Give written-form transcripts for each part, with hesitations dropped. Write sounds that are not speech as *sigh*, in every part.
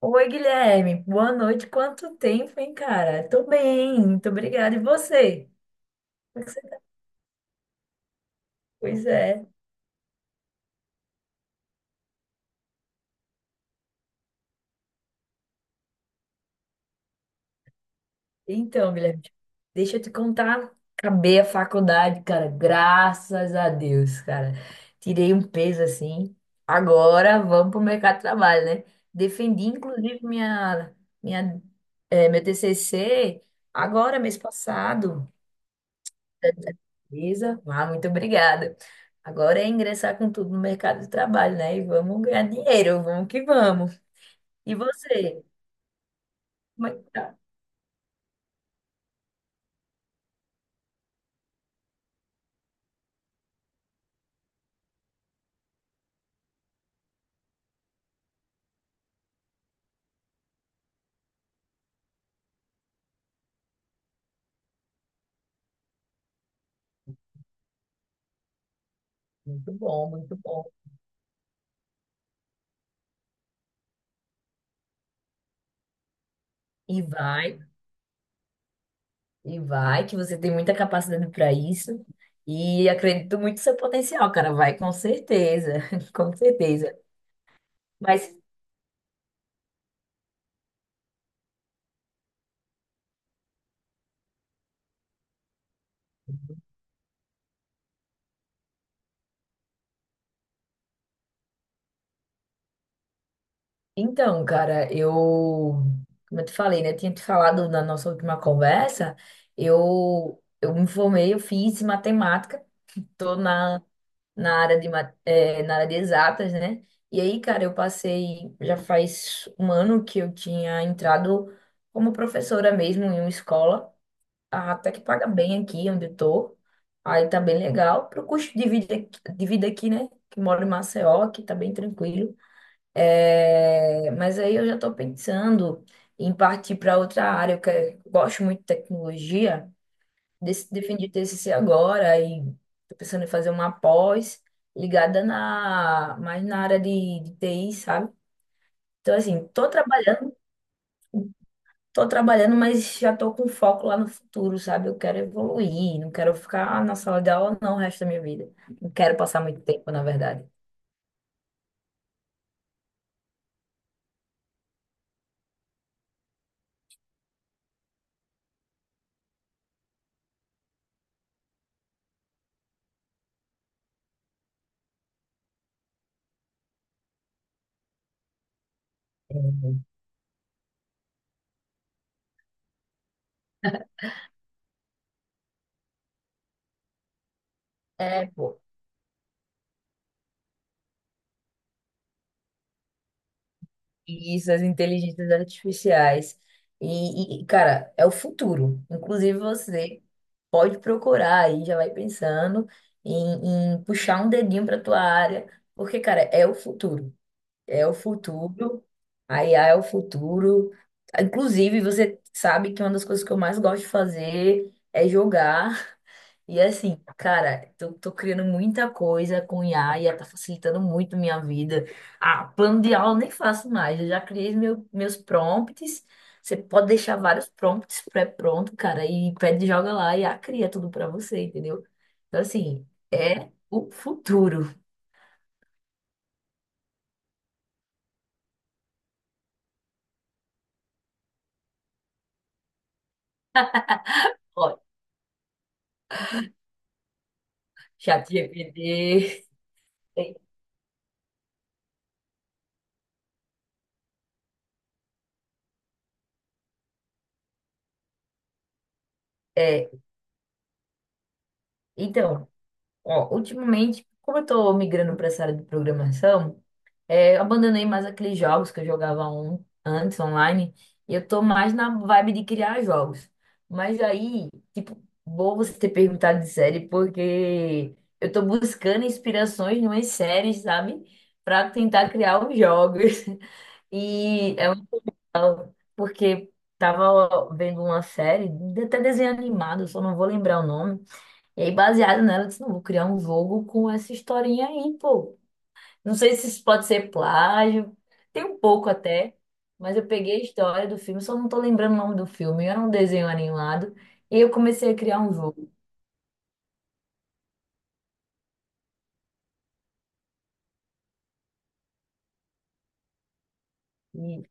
Oi, Guilherme. Boa noite. Quanto tempo, hein, cara? Tô bem, muito obrigada. E você? Como é que você tá? Pois é. Então, Guilherme, deixa eu te contar. Acabei a faculdade, cara. Graças a Deus, cara. Tirei um peso assim. Agora vamos pro mercado de trabalho, né? Defendi, inclusive, minha, meu TCC agora, mês passado. Beleza? Ah, muito obrigada. Agora é ingressar com tudo no mercado de trabalho, né? E vamos ganhar dinheiro, vamos que vamos. E você? Como é que tá? Muito bom, muito bom. E vai, e vai, que você tem muita capacidade para isso. E acredito muito no seu potencial, cara. Vai, com certeza, *laughs* com certeza. Mas Então, cara, eu, como eu te falei, né? Tinha te falado na nossa última conversa, eu me formei, eu fiz matemática, tô na área de exatas, né? E aí, cara, eu passei, já faz um ano que eu tinha entrado como professora mesmo em uma escola, até que paga bem aqui onde eu tô, aí tá bem legal, pro custo de vida aqui, né? Que moro em Maceió, aqui tá bem tranquilo. É, mas aí eu já estou pensando em partir para outra área. Gosto muito de tecnologia, defendi TCC agora e estou pensando em fazer uma pós ligada mais na área de TI, sabe? Então, assim, tô trabalhando, mas já tô com foco lá no futuro, sabe? Eu quero evoluir, não quero ficar na sala de aula não o resto da minha vida. Não quero passar muito tempo, na verdade. É, pô. Isso, as inteligências artificiais. E, cara, é o futuro. Inclusive, você pode procurar aí, já vai pensando em puxar um dedinho para tua área, porque, cara, é o futuro. É o futuro. A IA é o futuro. Inclusive, você sabe que uma das coisas que eu mais gosto de fazer é jogar. E assim, cara, tô criando muita coisa com IA. IA tá facilitando muito minha vida. Ah, plano de aula eu nem faço mais, eu já criei meus prompts. Você pode deixar vários prompts pré-pronto, cara, e pede, joga lá e a IA cria tudo pra você, entendeu? Então, assim, é o futuro. Ó, ChatGPT. É, então, ó, ultimamente, como eu tô migrando pra essa área de programação, é, eu abandonei mais aqueles jogos que eu jogava antes online. E eu tô mais na vibe de criar jogos. Mas aí, tipo, bom você ter perguntado de série, porque eu tô buscando inspirações em umas séries, sabe? Pra tentar criar os jogos. *laughs* E é um- Porque tava vendo uma série, até desenho animado, só não vou lembrar o nome. E aí, baseado nela, eu disse, não, vou criar um jogo com essa historinha aí, pô. Não sei se isso pode ser plágio, tem um pouco até, mas eu peguei a história do filme, só não tô lembrando o nome do filme. Era um desenho animado e eu comecei a criar um jogo. E,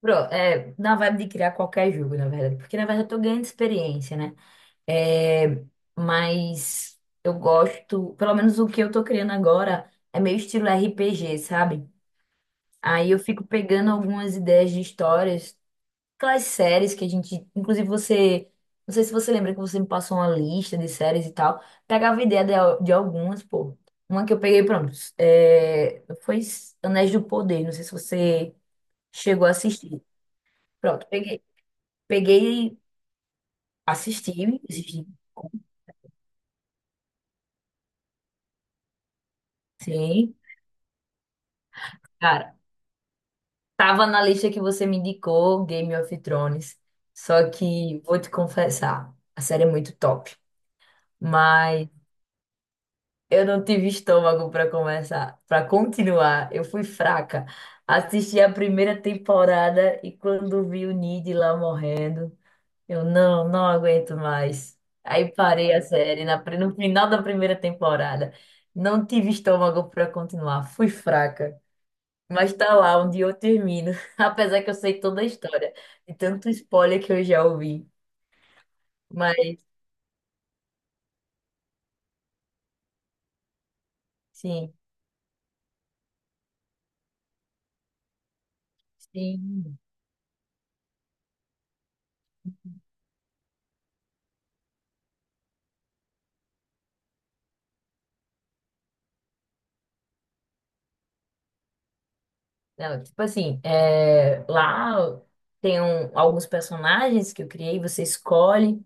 na vibe de criar qualquer jogo, na verdade, porque na verdade eu tô ganhando experiência, né? É, mas eu gosto, pelo menos o que eu tô criando agora é meio estilo RPG, sabe? Aí eu fico pegando algumas ideias de histórias. Aquelas séries que a gente, inclusive você, não sei se você lembra que você me passou uma lista de séries e tal, pegava ideia de algumas, pô. Uma que eu peguei, pronto, é, foi Anéis do Poder, não sei se você chegou a assistir. Pronto, peguei, assisti, assisti, sim, cara, tava na lista que você me indicou, Game of Thrones, só que vou te confessar, a série é muito top. Eu não tive estômago para começar, para continuar. Eu fui fraca. Assisti a primeira temporada e quando vi o Nid lá morrendo, eu não aguento mais. Aí parei a série no final da primeira temporada. Não tive estômago para continuar. Fui fraca. Mas tá lá onde eu termino. *laughs* Apesar que eu sei toda a história. De tanto spoiler que eu já ouvi. Mas sim, sim. Não, tipo assim, é, lá tem alguns personagens que eu criei, você escolhe,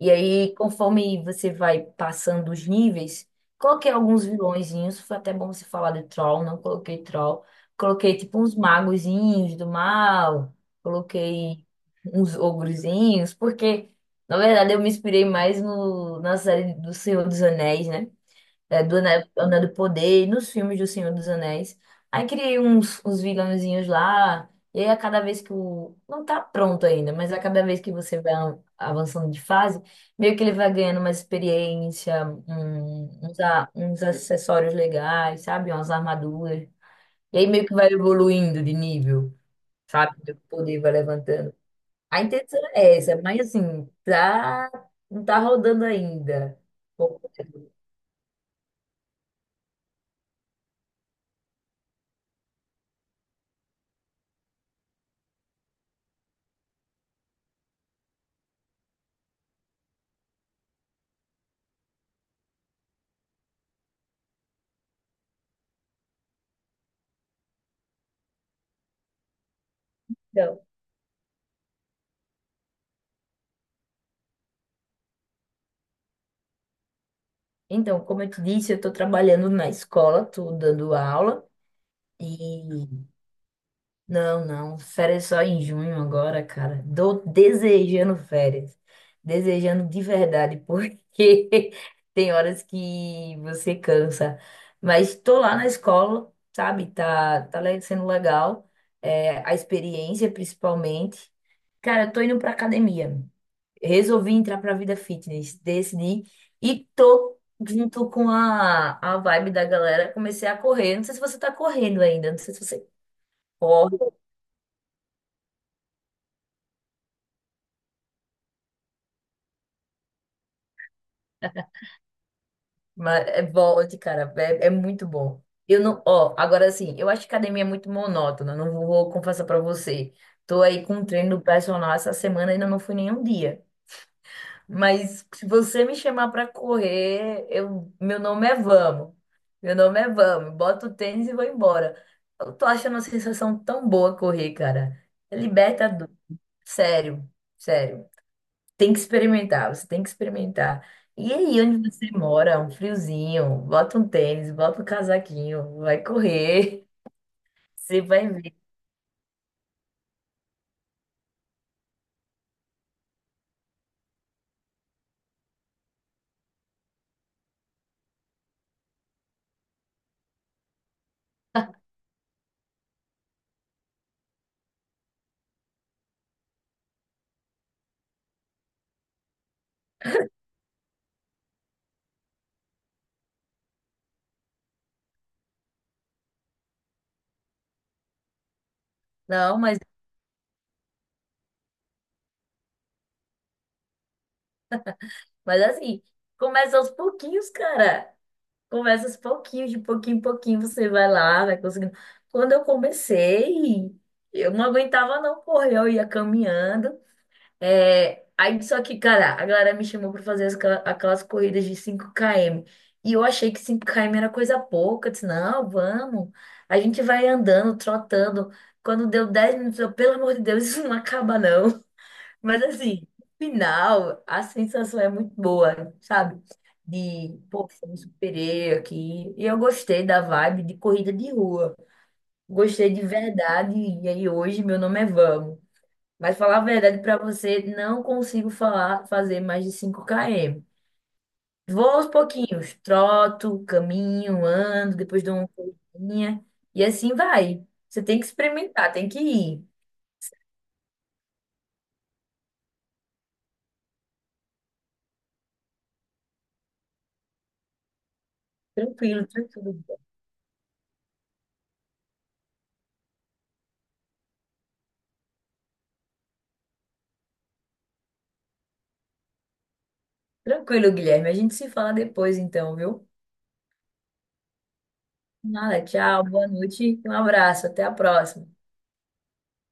e aí conforme você vai passando os níveis, coloquei alguns vilõezinhos, foi até bom você falar de troll, não coloquei troll, coloquei tipo uns magozinhos do mal, coloquei uns ogrozinhos, porque na verdade eu me inspirei mais no, na série do Senhor dos Anéis, né? É, do Anel do Poder, e nos filmes do Senhor dos Anéis. Aí criei uns vilãozinhos lá, e aí a cada vez que o. Não tá pronto ainda, mas a cada vez que você vai avançando de fase, meio que ele vai ganhando uma experiência, uns acessórios legais, sabe? Umas armaduras. E aí meio que vai evoluindo de nível, sabe? O poder vai levantando. A intenção é essa, mas assim, tá, não tá rodando ainda. Pouco tempo. Então, Então, como eu te disse, eu estou trabalhando na escola, estou dando aula e não, não, férias só em junho agora, cara. Tô desejando férias, desejando de verdade, porque *laughs* tem horas que você cansa. Mas estou lá na escola, sabe? Tá, sendo legal, é, a experiência principalmente. Cara, eu tô indo para academia. Resolvi entrar para a vida fitness, decidi e tô junto com a vibe da galera, comecei a correr. Não sei se você tá correndo ainda, não sei se você corre, *laughs* mas é volte, cara, é muito bom. Eu não, ó, agora assim, eu acho que academia é muito monótona, não vou confessar para você. Tô aí com um treino do personal essa semana, ainda não fui nenhum dia. Mas se você me chamar para correr, meu nome é Vamos. Meu nome é Vamos. Boto o tênis e vou embora. Eu tô achando uma sensação tão boa correr, cara. É libertador. Sério, sério. Tem que experimentar, você tem que experimentar. E aí, onde você mora, um friozinho, bota um tênis, bota um casaquinho, vai correr, *laughs* você vai ver. Não, mas assim, começa aos pouquinhos, cara. Começa aos pouquinhos, de pouquinho em pouquinho você vai lá, vai conseguindo. Quando eu comecei, eu não aguentava não correr, eu ia caminhando. É, aí só que, cara, a galera me chamou para fazer aquelas corridas de 5 km. E eu achei que 5 km era coisa pouca. Eu disse, não, vamos. A gente vai andando, trotando. Quando deu 10 minutos, eu, pelo amor de Deus, *laughs* isso não acaba não. Mas assim, no final, a sensação é muito boa, sabe? De, pô, me superei aqui. E eu gostei da vibe de corrida de rua. Gostei de verdade. E aí hoje meu nome é Vamos. Mas falar a verdade pra você, não consigo fazer mais de 5 km. Vou aos pouquinhos, troto, caminho, ando, depois dou uma corridinha. E assim vai. Você tem que experimentar, tem que ir. Tranquilo, tranquilo. Tranquilo, Guilherme. A gente se fala depois, então, viu? Nada, tchau, boa noite, um abraço, até a próxima.